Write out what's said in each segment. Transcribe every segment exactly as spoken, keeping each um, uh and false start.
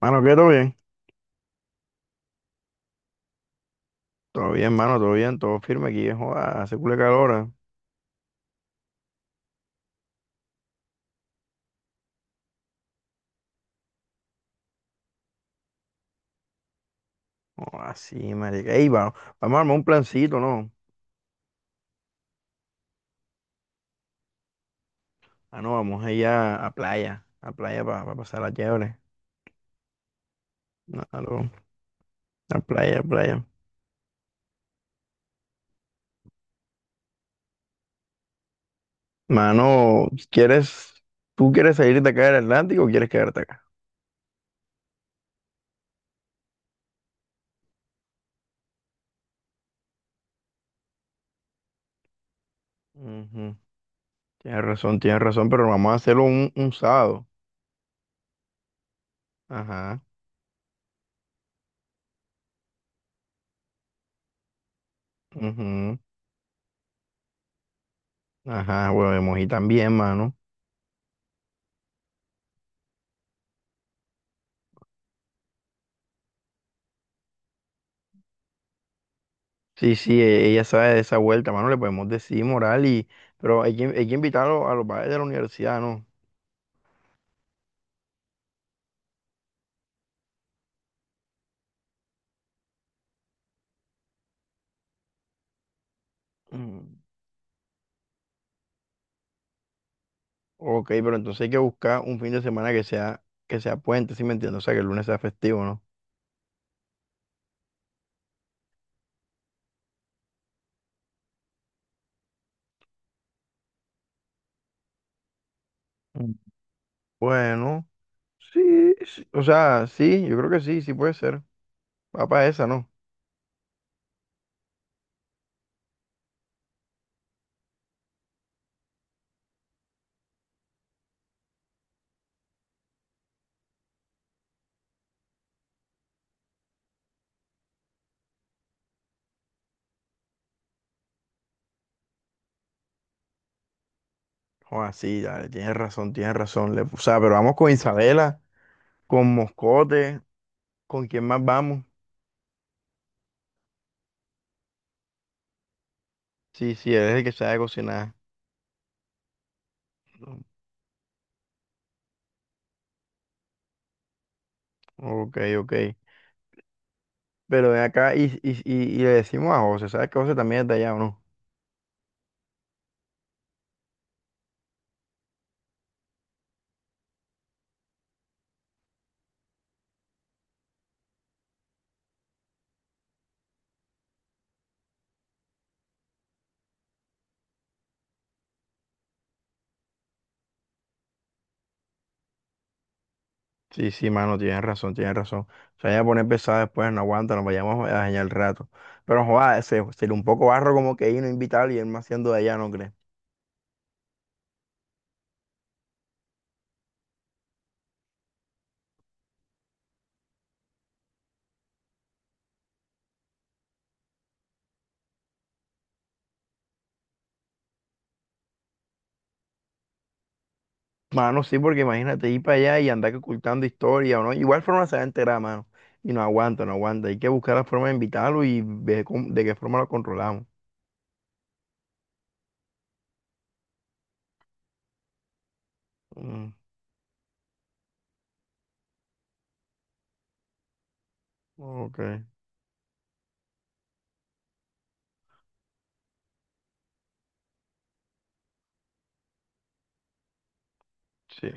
Mano, ¿qué? ¿Todo bien? Todo bien, mano, todo bien, todo firme aquí, eh, joda, hace culo de calor, eh. Joda, sí, marica. Ey, va- vamos a armar un plancito, ¿no? Ah, no, vamos a ir a, a playa, a playa para pasar la chévere. No, aló, a playa, a playa. Mano, ¿quieres, ¿tú quieres salir de acá del Atlántico o quieres quedarte acá? Ujú. Tienes razón, tienes razón, pero vamos a hacerlo un, un sábado. Ajá, ujú. Ajá, bueno, y también, mano. Sí, sí, e- ella sabe de esa vuelta, mano, le podemos decir moral y, pero hay que, hay que invitarlo a los padres de la universidad, ¿no? Mm. Ok, pero entonces hay que buscar un fin de semana que sea, que sea puente, ¿sí me entiendes? O sea, que el lunes sea festivo, ¿no? Mm. Bueno, sí, sí, o sea, sí, yo creo que sí, sí puede ser. Va para esa, ¿no? Joder, sí, dale, tienes razón, tienes razón. Le- o sea, pero vamos con Isabela, con Moscote, ¿con quién más vamos? Sí, sí, él es el que sabe cocinar. Ok, ok. Pero ven acá y, y, y, y le decimos a José, ¿sabes que José también está allá o no? Sí, sí, mano, tienes razón, tienes razón. O sea ya poner pesado después, no aguanta, nos vayamos a dañar el rato. Pero joder, se, sería un poco barro como que ir no invitarlo y él más siendo de allá, ¿no crees? Mano, sí, porque imagínate ir para allá y andar que ocultando historia o no. Igual forma se va a enterar, mano. Y no aguanta, no aguanta. Hay que buscar la forma de invitarlo y ver cómo- de qué forma lo controlamos. Mm, ok, sí.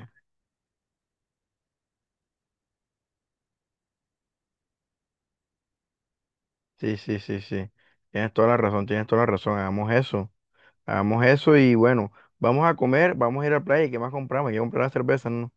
Sí, sí, sí, sí. Tienes toda la razón, tienes toda la razón. Hagamos eso. Hagamos eso y bueno, vamos a comer, vamos a ir a la playa. ¿Y qué más compramos? Hay que comprar las cervezas, ¿no?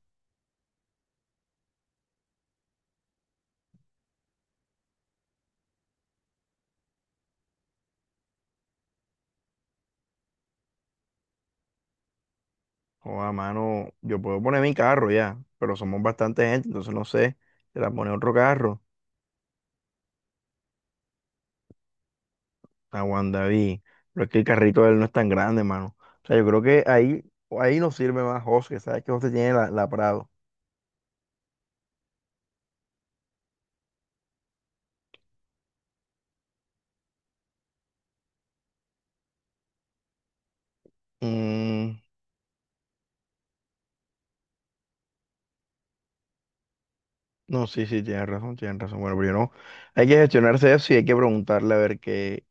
O a mano, yo puedo poner mi carro ya, pero somos bastante gente, entonces no sé. Se la pone otro carro. Aguanta, David. Pero es que el carrito de él no es tan grande, mano. O sea, yo creo que ahí, ahí nos sirve más José, que sabes que José tiene la, la Prado. Mm, no, sí, sí, tienes razón, tienes razón. Bueno, pero yo no. Hay que gestionarse eso y hay que preguntarle a ver qué,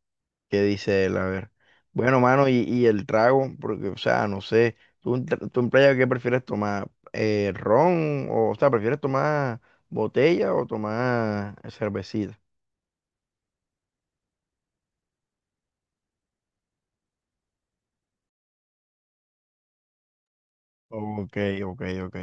¿qué dice él? A ver. Bueno, mano, y, y el trago, porque, o sea, no sé, ¿tú, en tra- tú en playa qué prefieres tomar? Eh, ¿ron? O, o sea, ¿prefieres tomar botella o tomar cervecita? Ok, ok, ok.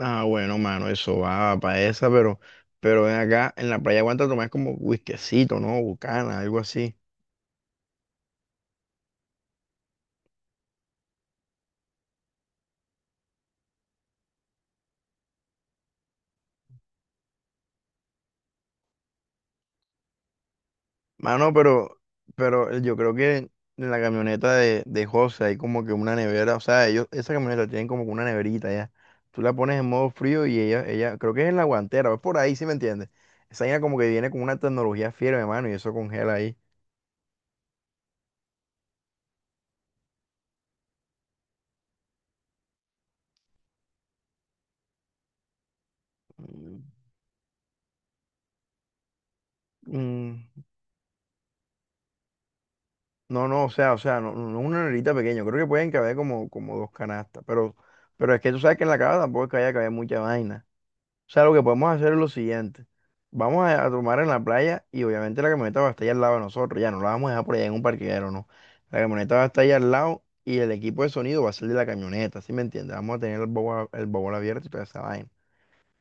Ah, bueno, mano, eso va para esa, pero, pero ven acá, en la playa aguanta tomar como whiskycito, ¿no? Bucana, algo así. Mano, pero, pero eh, yo creo que en la camioneta de, de José hay como que una nevera, o sea, ellos, esa camioneta tienen como que una neverita ya. Tú la pones en modo frío y ella, ella, creo que es en la guantera, es por ahí, ¿sí me entiendes? Esa vaina como que viene con una tecnología fiera, mano, y eso congela ahí. Mm, mm, no, no, o sea, o sea, no, no no es una neverita pequeña, creo que pueden caber como, como dos canastas, pero, pero es que tú sabes que en la casa tampoco es que haya caber mucha vaina. O sea, lo que podemos hacer es lo siguiente. Vamos a, a tomar en la playa y obviamente la camioneta va a estar allá al lado de nosotros. Ya no la vamos a dejar por allá en un parqueadero, no. La camioneta va a estar allá al lado y el equipo de sonido va a ser de la camioneta, ¿sí me entiendes? Vamos a tener el bowl, el bowl abierto y toda esa vaina.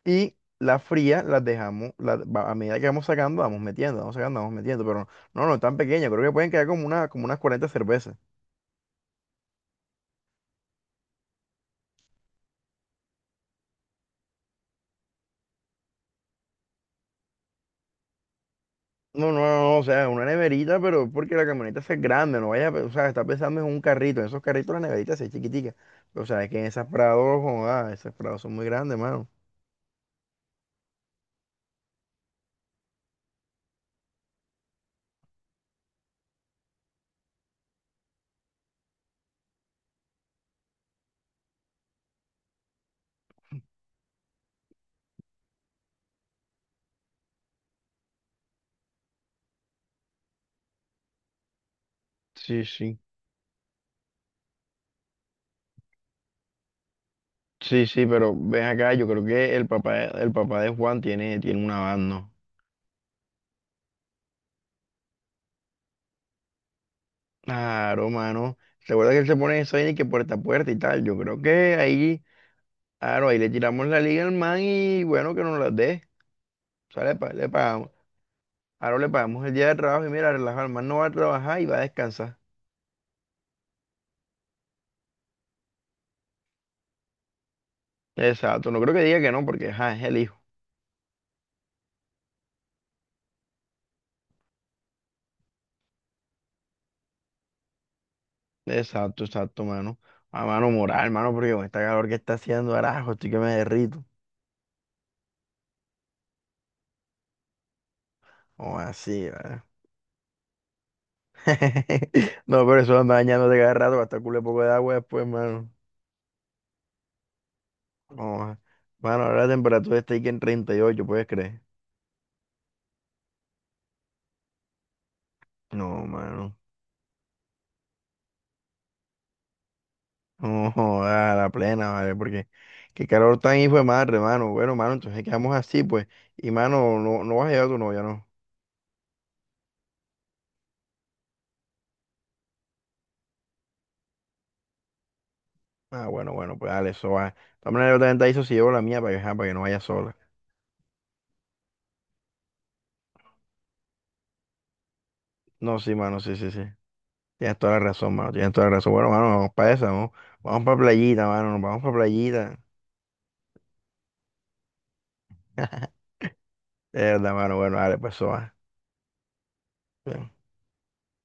Y las frías las dejamos, las- va- a medida que vamos sacando, vamos metiendo, vamos sacando, vamos metiendo. Pero no, no, no tan pequeña, creo que pueden quedar como, una, como unas cuarenta cervezas. No, no, no, o sea, una neverita, pero porque la camioneta es grande, no vaya, a pe- o sea, está pensando en un carrito, en esos carritos la neverita se ve chiquitica, o sea, es que en esas prados, joda, esas prados son muy grandes, mano. Sí, sí, sí, sí, pero ven acá, yo creo que el papá, el papá de Juan tiene, tiene una van, ¿no? Claro, mano, recuerda que él se pone eso ahí de que puerta a puerta y tal, yo creo que ahí, claro, ahí le tiramos la liga al man y bueno, que nos la dé, o sea, le, pa- le pagamos, ahora le pagamos el día de trabajo y mira, relaja, el man no va a trabajar y va a descansar. Exacto, no creo que diga que no, porque ajá, es el hijo. Exacto, exacto, mano. A mano moral, mano, porque con esta calor que está haciendo, arajo, estoy que me derrito. O así, ¿verdad? No, pero eso anda dañándote cada rato, va a estar culo poco de agua después, mano. No, mano, ahora la temperatura está ahí que en treinta y ocho, ¿puedes creer? No, mano. No, joda, a la plena, ¿vale? Porque qué calor tan hijo de madre, mano. Bueno, mano, entonces quedamos así, pues. Y, mano, no, no vas a llevar a tu novia, ¿no? Ah, bueno, bueno, pues dale, eso va. De todas maneras, yo también te aviso si llevo la mía para que, ajá, para que no vaya sola. No, sí, mano, sí, sí, sí. Tienes toda la razón, mano, tienes toda la razón. Bueno, mano, vamos para esa, vamos, vamos para playita, mano, nos vamos para playita. De verdad, mano, bueno, dale, pues eso va. Bien.